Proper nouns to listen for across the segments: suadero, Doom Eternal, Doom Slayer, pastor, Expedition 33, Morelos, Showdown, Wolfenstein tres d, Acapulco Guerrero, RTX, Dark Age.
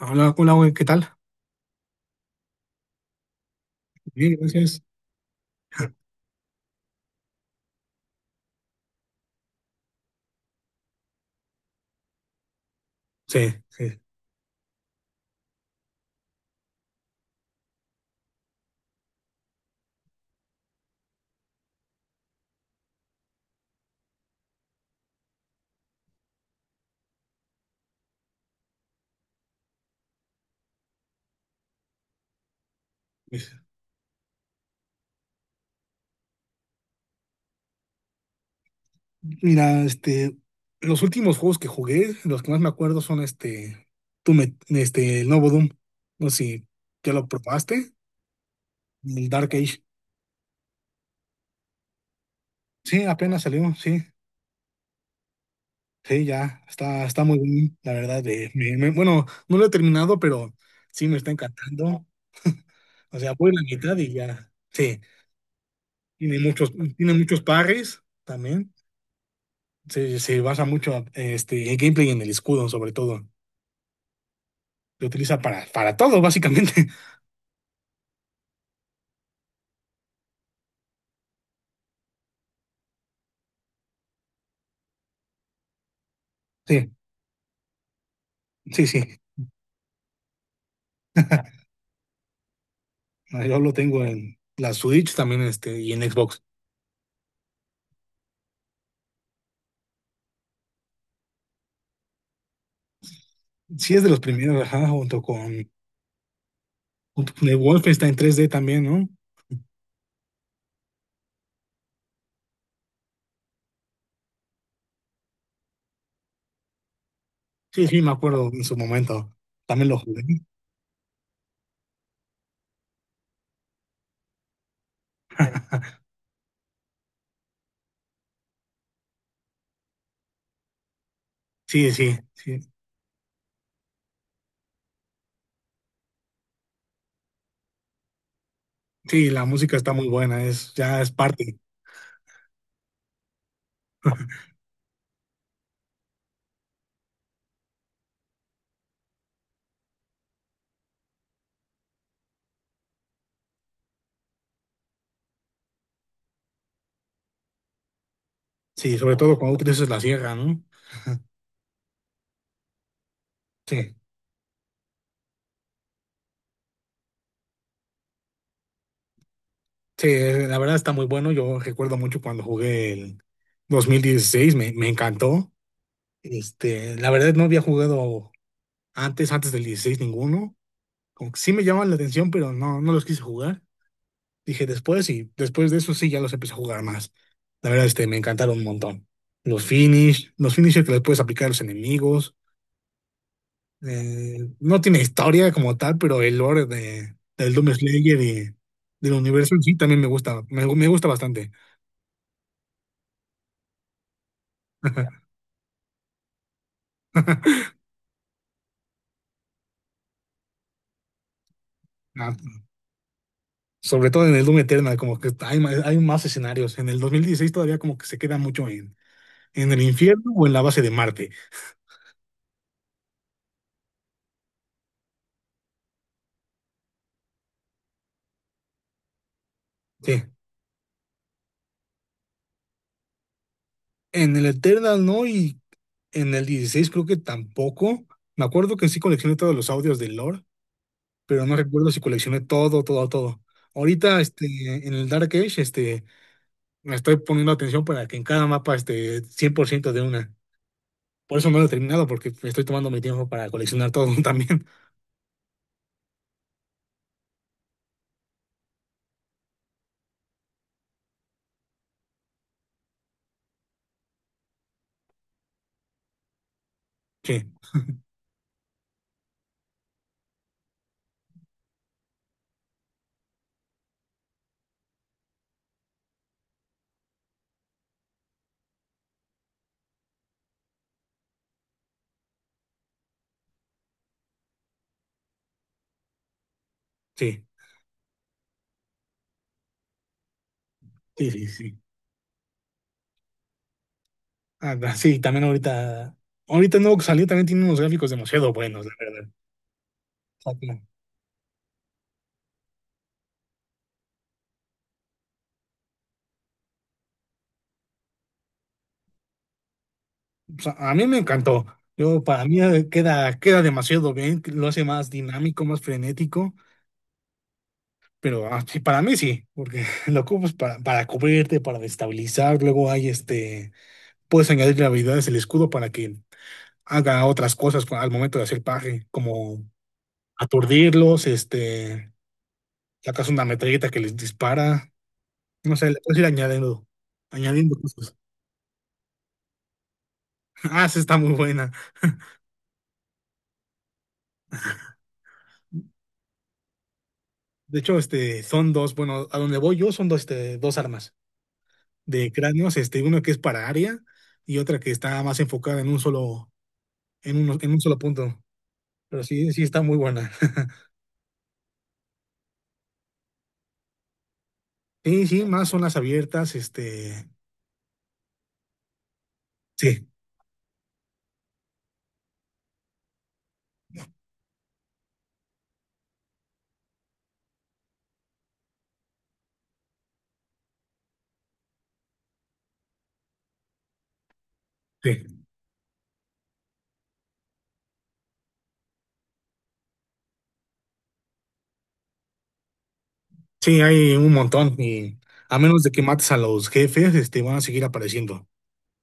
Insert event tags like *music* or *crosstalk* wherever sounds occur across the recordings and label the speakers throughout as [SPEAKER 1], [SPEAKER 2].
[SPEAKER 1] Hola, hola, güey, ¿qué tal? Bien, gracias. *laughs* Sí, sí. Mira, los últimos juegos que jugué, los que más me acuerdo son este, el nuevo Doom. No sé si ya lo probaste, el Dark Age. Sí, apenas salió, sí, sí, ya, está muy bien, la verdad. Bueno, no lo he terminado, pero sí me está encantando. O sea, voy a la mitad y ya, sí, tiene muchos, tiene muchos pares también. Se basa mucho el gameplay y en el escudo, sobre todo. Se utiliza para todo, básicamente. *laughs* Sí, sí, sí. Ah, yo lo tengo en la Switch también y en Xbox. Sí, es de los primeros, ajá, junto con el Wolfenstein 3D también, ¿no? Sí, sí, me acuerdo en su momento. También lo jugué. *laughs* Sí, sí, sí. Sí, la música está muy buena, es, ya es parte. Sí, sobre todo cuando utilizas la sierra, ¿no? Sí. Sí, la verdad está muy bueno. Yo recuerdo mucho cuando jugué el 2016, me encantó. La verdad no había jugado antes del 16 ninguno. Como que sí me llamaban la atención, pero no, no los quise jugar. Dije después y después de eso sí ya los empecé a jugar más. La verdad, me encantaron un montón. Los finish, los finishers que les puedes aplicar a los enemigos. No tiene historia como tal, pero el lore de, del Doom Slayer y del universo en sí también me gusta, me gusta bastante. *laughs* Ah, sobre todo en el Doom Eternal, como que hay más escenarios. En el 2016 todavía como que se queda mucho en el infierno o en la base de Marte. Sí. En el Eternal no, y en el 16 creo que tampoco. Me acuerdo que sí coleccioné todos los audios del lore, pero no recuerdo si coleccioné todo, todo, todo. Ahorita, en el Dark Age, me estoy poniendo atención para que en cada mapa esté 100% de una. Por eso no lo he terminado, porque me estoy tomando mi tiempo para coleccionar todo *laughs* también. Sí, sí, sí, sí, sí. Sí, también ahorita nuevo que salió también tiene unos gráficos demasiado buenos, la verdad. O sea, como- o sea, a mí me encantó. Yo, para mí queda demasiado bien, lo hace más dinámico, más frenético, pero sí, para mí sí, porque *laughs* lo ocupas para cubrirte, para destabilizar, luego hay puedes añadirle habilidades el escudo para que haga otras cosas al momento de hacer paje, como aturdirlos, sacas una metralleta que les dispara, no sé, le puedes ir añadiendo cosas. Ah, esa está muy buena. De hecho, son dos, bueno, a donde voy yo son dos, dos armas de cráneos, uno que es para área y otra que está más enfocada en un solo punto. Pero sí, sí está muy buena. *laughs* Sí, sí, más zonas abiertas, sí, sí. Sí, hay un montón y a menos de que mates a los jefes, van a seguir apareciendo.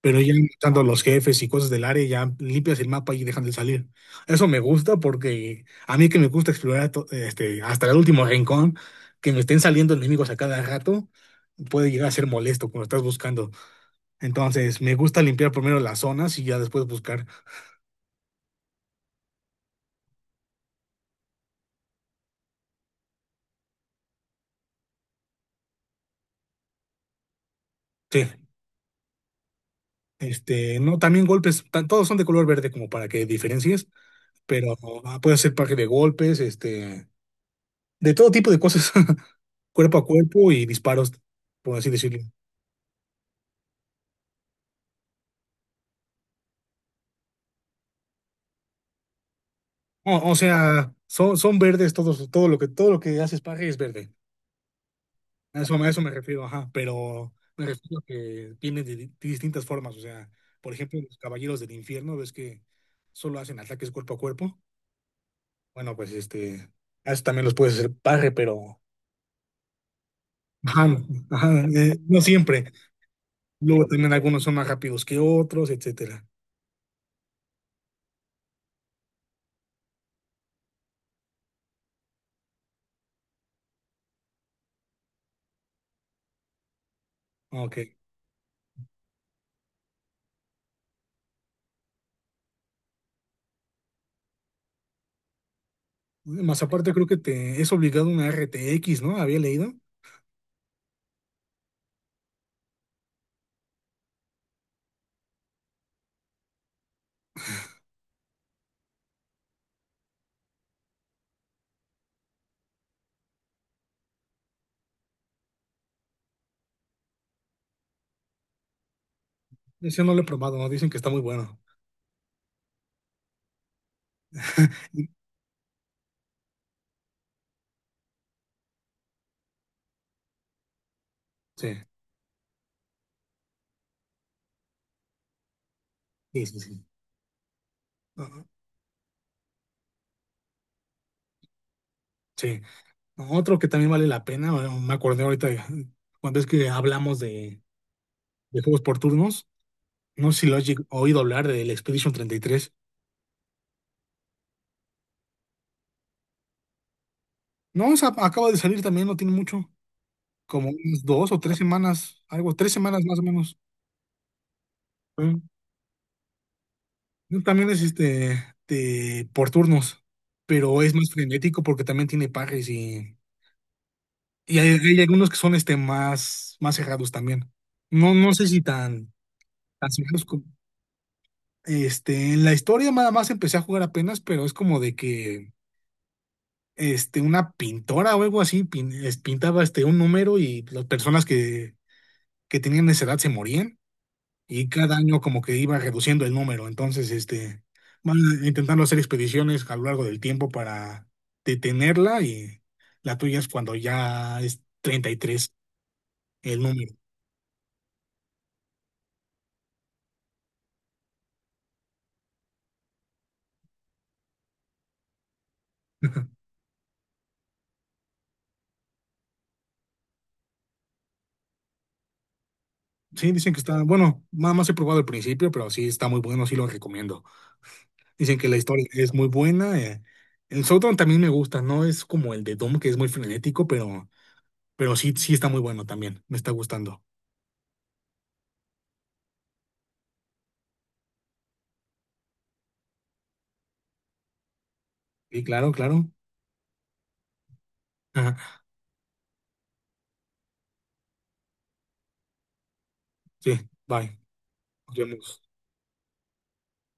[SPEAKER 1] Pero ya matando a los jefes y cosas del área, ya limpias el mapa y dejan de salir. Eso me gusta porque a mí que me gusta explorar hasta el último rincón, que me estén saliendo enemigos a cada rato, puede llegar a ser molesto cuando estás buscando. Entonces, me gusta limpiar primero las zonas y ya después buscar. Sí, no, también golpes, todos son de color verde como para que diferencies, pero puede ser parque de golpes, de todo tipo de cosas, *laughs* cuerpo a cuerpo y disparos, por así decirlo. O sea, son verdes todos, todo lo que hace Spage es verde. A eso me refiero, ajá. Pero me refiero a que vienen distintas formas. O sea, por ejemplo, los caballeros del infierno, ves que solo hacen ataques cuerpo a cuerpo. Bueno, pues a eso también los puedes hacer parre, pero ajá, ajá, no siempre. Luego también algunos son más rápidos que otros, etcétera. Ok. Más aparte, creo que te es obligado una RTX, ¿no? Había leído. Ese no lo he probado, ¿no? Dicen que está muy bueno. *laughs* Sí. Sí, sí, sí. Ajá. Sí. No, otro que también vale la pena, bueno, me acordé cuando es que hablamos de juegos por turnos. No sé si lo has oído hablar del Expedition 33. No, o sea, acaba de salir también, no tiene mucho. Como unas dos o tres semanas, algo, tres semanas más o menos. Mm. También es este de, por turnos, pero es más frenético porque también tiene pares y hay algunos que son este más, más cerrados también. No, no sé si tan, tan cerrados. En la historia nada más empecé a jugar apenas, pero es como de que una pintora o algo así pintaba un número y las personas que tenían esa edad se morían y cada año como que iba reduciendo el número. Entonces, van intentando hacer expediciones a lo largo del tiempo para detenerla y la tuya es cuando ya es 33 el número. *laughs* Sí, dicen que está, bueno, nada más he probado al principio, pero sí está muy bueno, sí lo recomiendo. Dicen que la historia es muy buena. El Showdown también me gusta, no es como el de Doom, que es muy frenético, pero sí, sí está muy bueno también. Me está gustando. Sí, claro, claro. Ajá, sí, bye. Nos vemos.